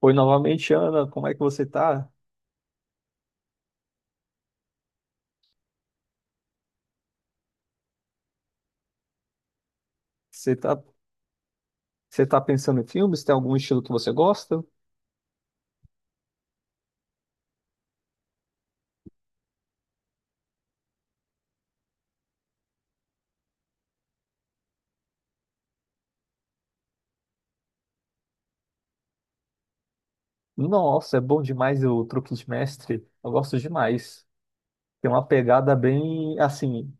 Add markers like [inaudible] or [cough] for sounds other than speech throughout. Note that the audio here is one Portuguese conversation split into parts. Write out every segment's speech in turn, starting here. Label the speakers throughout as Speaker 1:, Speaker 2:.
Speaker 1: Oi, novamente, Ana, como é que você tá? Você tá, você tá pensando em filmes? Tem algum estilo que você gosta? Nossa, é bom demais o Truque de Mestre. Eu gosto demais. Tem uma pegada bem, assim,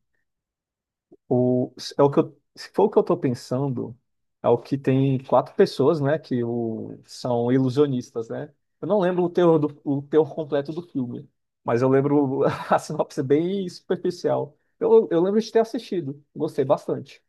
Speaker 1: é o que eu, se for o que eu tô pensando, é o que tem quatro pessoas, né, são ilusionistas, né? Eu não lembro o teor, o teor completo do filme, mas eu lembro [laughs] a sinopse bem superficial. Eu lembro de ter assistido, gostei bastante.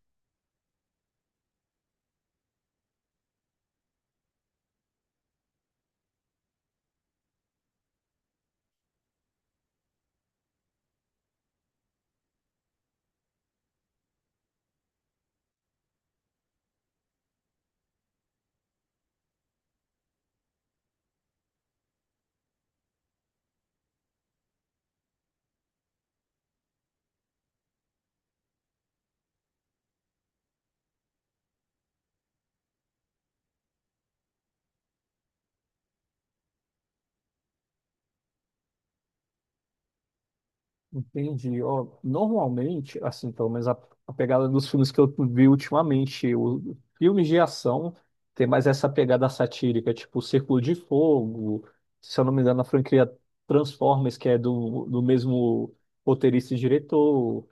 Speaker 1: Entendi. Ó, normalmente, assim, a pegada dos filmes que eu vi ultimamente, filmes de ação tem mais essa pegada satírica, tipo Círculo de Fogo, se eu não me engano, a franquia Transformers, que é do mesmo roteirista e diretor.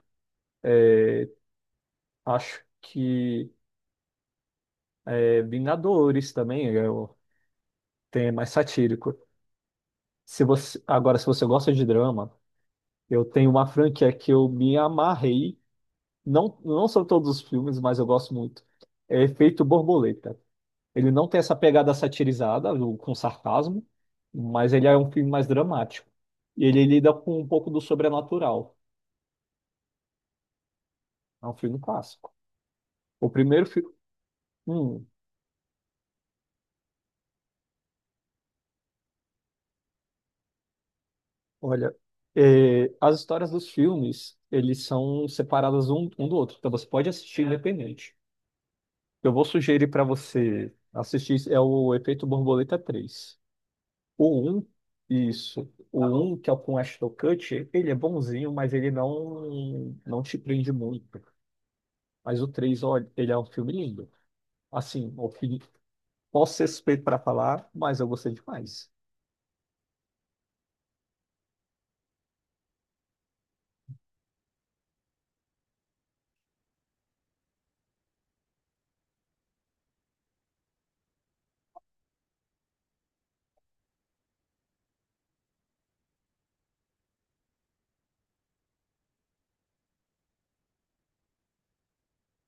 Speaker 1: Acho que é Vingadores também, tem mais satírico. Se você, agora, se você gosta de drama, eu tenho uma franquia que eu me amarrei. Não, não são todos os filmes, mas eu gosto muito. É Efeito Borboleta. Ele não tem essa pegada satirizada, com sarcasmo, mas ele é um filme mais dramático. E ele lida com um pouco do sobrenatural. É um filme clássico. O primeiro filme. Hum, olha, é, as histórias dos filmes, eles são separadas um do outro. Então você pode assistir independente. Eu vou sugerir para você assistir é o Efeito Borboleta três. O um. Isso. O um que é o com Ashton Kutcher, ele é bonzinho, mas ele não te prende muito. Mas o três, olha, ele é um filme lindo. Assim, o que posso ser suspeito para falar, mas eu gostei demais.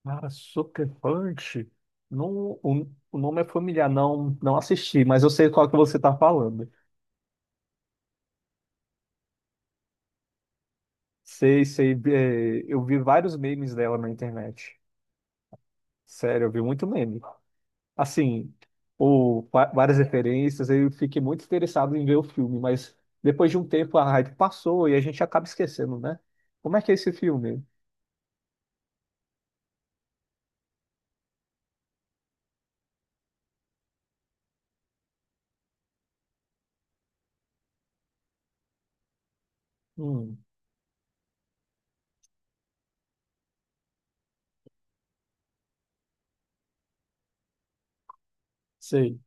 Speaker 1: Cara, Sucker Punch. Não, o nome é familiar, não assisti, mas eu sei qual que você tá falando. Sei, sei. É, eu vi vários memes dela na internet. Sério, eu vi muito meme. Assim, várias referências, eu fiquei muito interessado em ver o filme, mas depois de um tempo a hype passou e a gente acaba esquecendo, né? Como é que é esse filme? Hum, Sei.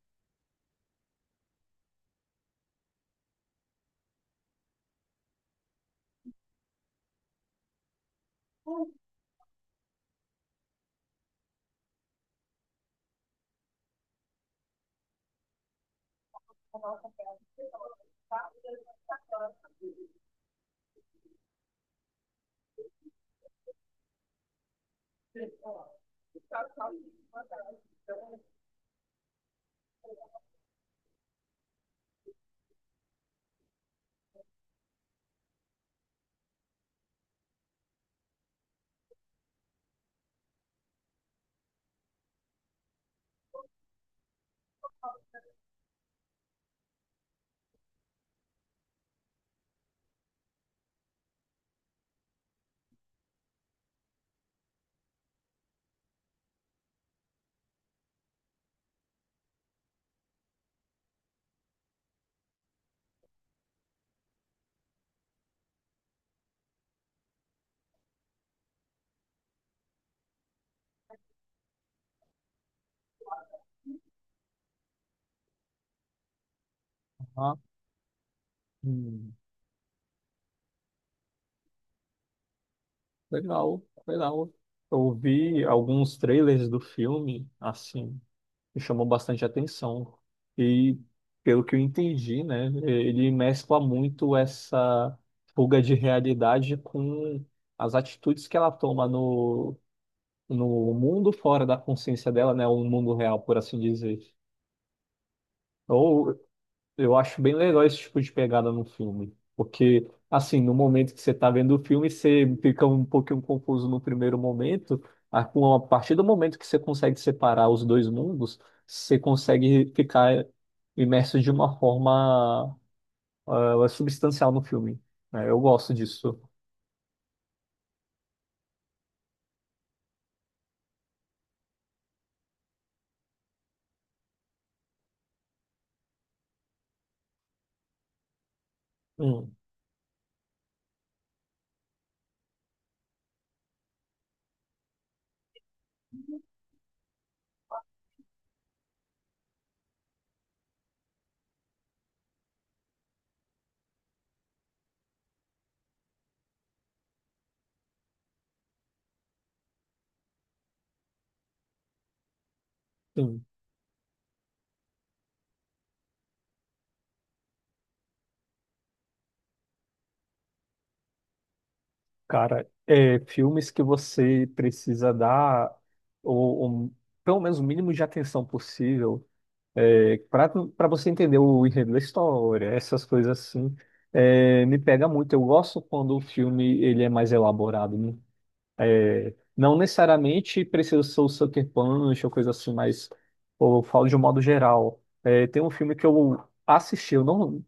Speaker 1: Ah, hum, legal, legal. Eu vi alguns trailers do filme, assim, me chamou bastante atenção. E pelo que eu entendi, né, ele mescla muito essa fuga de realidade com as atitudes que ela toma no no mundo fora da consciência dela, né? O mundo real, por assim dizer. Ou eu acho bem legal esse tipo de pegada no filme, porque assim, no momento que você está vendo o filme, você fica um pouquinho confuso no primeiro momento, a partir do momento que você consegue separar os dois mundos, você consegue ficar imerso de uma forma substancial no filme. Né? Eu gosto disso. Hum, sim. Cara, é, filmes que você precisa dar ou, pelo menos o mínimo de atenção possível para para você entender o enredo da história, essas coisas assim, é, me pega muito. Eu gosto quando o filme ele é mais elaborado. Né? É, não necessariamente precisa ser o Sucker Punch ou coisa assim, mas pô, eu falo de um modo geral. É, tem um filme que eu assisti, eu não,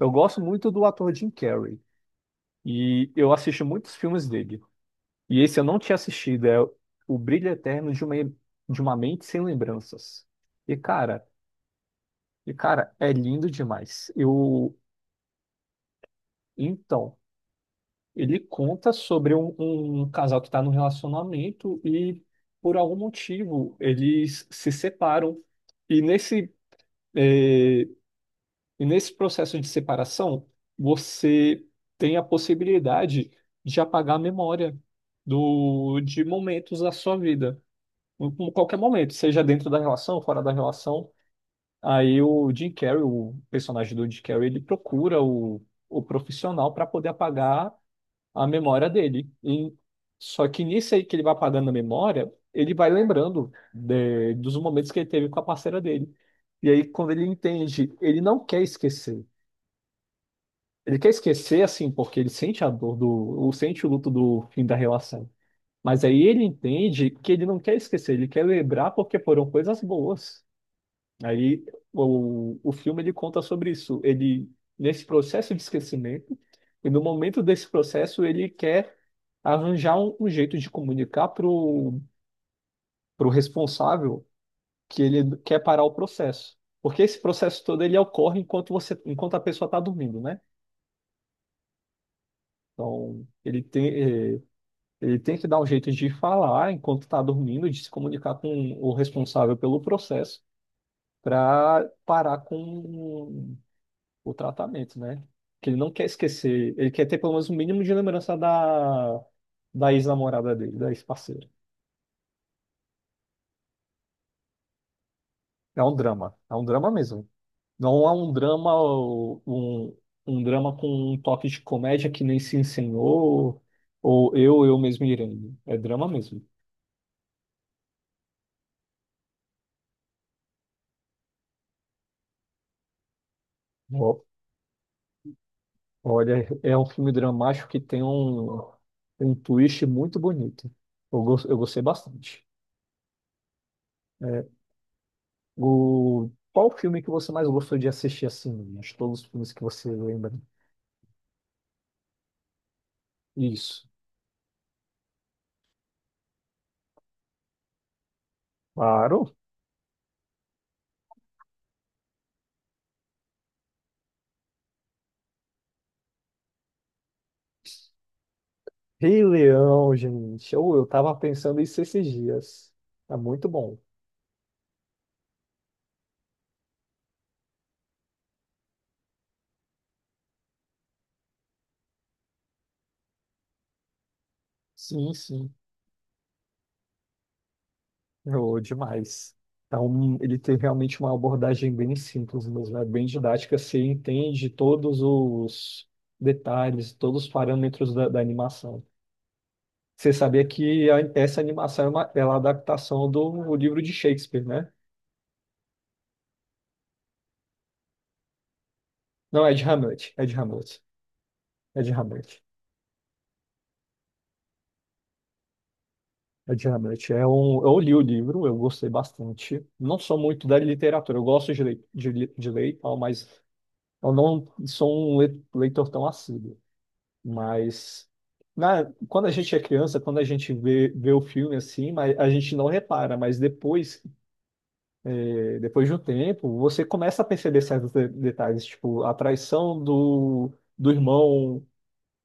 Speaker 1: eu gosto muito do ator Jim Carrey e eu assisto muitos filmes dele. E esse eu não tinha assistido, é O Brilho Eterno de uma Mente Sem Lembranças. E cara, e cara, é lindo demais. Eu, então, ele conta sobre um, um casal que está num relacionamento e por algum motivo eles se separam. E nesse, eh, e nesse processo de separação, você tem a possibilidade de apagar a memória de momentos da sua vida. Em qualquer momento, seja dentro da relação, fora da relação. Aí o Jim Carrey, o personagem do Jim Carrey, ele procura o profissional para poder apagar a memória dele. E, só que nisso aí que ele vai apagando a memória, ele vai lembrando dos momentos que ele teve com a parceira dele. E aí, quando ele entende, ele não quer esquecer. Ele quer esquecer, assim, porque ele sente a dor do, ou sente o luto do fim da relação. Mas aí ele entende que ele não quer esquecer, ele quer lembrar porque foram coisas boas. Aí o filme ele conta sobre isso. Ele nesse processo de esquecimento e no momento desse processo ele quer arranjar um, um jeito de comunicar pro pro responsável que ele quer parar o processo, porque esse processo todo ele ocorre enquanto a pessoa está dormindo, né? Então ele tem eh, ele tem que dar um jeito de falar enquanto está dormindo, de se comunicar com o responsável pelo processo para parar com o tratamento, né? Que ele não quer esquecer, ele quer ter pelo menos um mínimo de lembrança da, da ex-namorada dele, da ex-parceira. É um drama mesmo. Não é um drama, ou um drama com um toque de comédia que nem se ensinou, ou eu mesmo irei. É drama mesmo. Ó, olha, é um filme dramático que tem um, um twist muito bonito. Eu gostei bastante. É, o... Qual o filme que você mais gostou de assistir assim? Acho que todos os filmes que você lembra. Isso. Claro. Rei Leão, gente. Eu tava pensando isso esses dias. É muito bom. Sim, sim. Oh, demais. Então, ele tem realmente uma abordagem bem simples mesmo, é bem didática. Você entende todos os detalhes, todos os parâmetros da, da animação. Você sabia que essa animação é uma, ela é a adaptação do livro de Shakespeare, né? Não, é de Hamlet, é de Hamlet, é de Hamlet, é de Hamlet. É um, eu li o livro, eu gostei bastante. Não sou muito da literatura, eu gosto de ler, de ler e tal, mas eu não sou um leitor tão assíduo. Mas na, quando a gente é criança, quando a gente vê o filme assim, mas a gente não repara, mas depois, eh, depois de um tempo, você começa a perceber certos detalhes, tipo a traição do, do irmão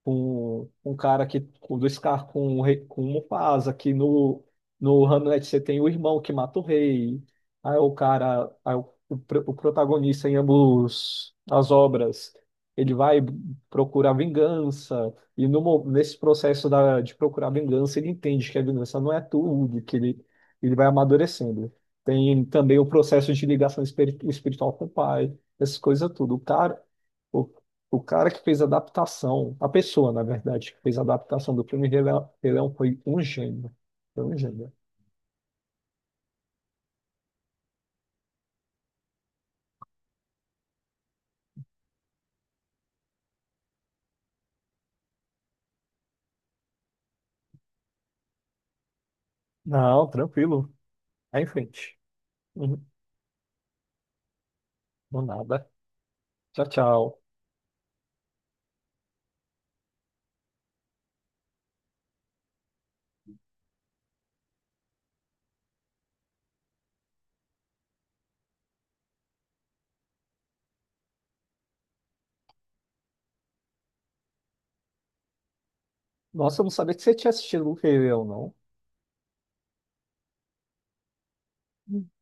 Speaker 1: com um cara que do Scar com o rei, com o Mufasa, que no no Hamlet você tem o irmão que mata o rei. Aí o protagonista em ambos as obras, ele vai procurar vingança e no, nesse processo da, de procurar vingança ele entende que a vingança não é tudo, que ele ele vai amadurecendo. Tem também o processo de ligação espiritual com o pai, essas coisas tudo. O cara que fez a adaptação, a pessoa, na verdade, que fez a adaptação do filme Rei Leão foi um gênio. Foi um gênio. Não, tranquilo. Vai em frente. Uhum. Não, nada. Tchau, tchau. Nossa, eu não sabia que você tinha assistido o Rei Leão, não.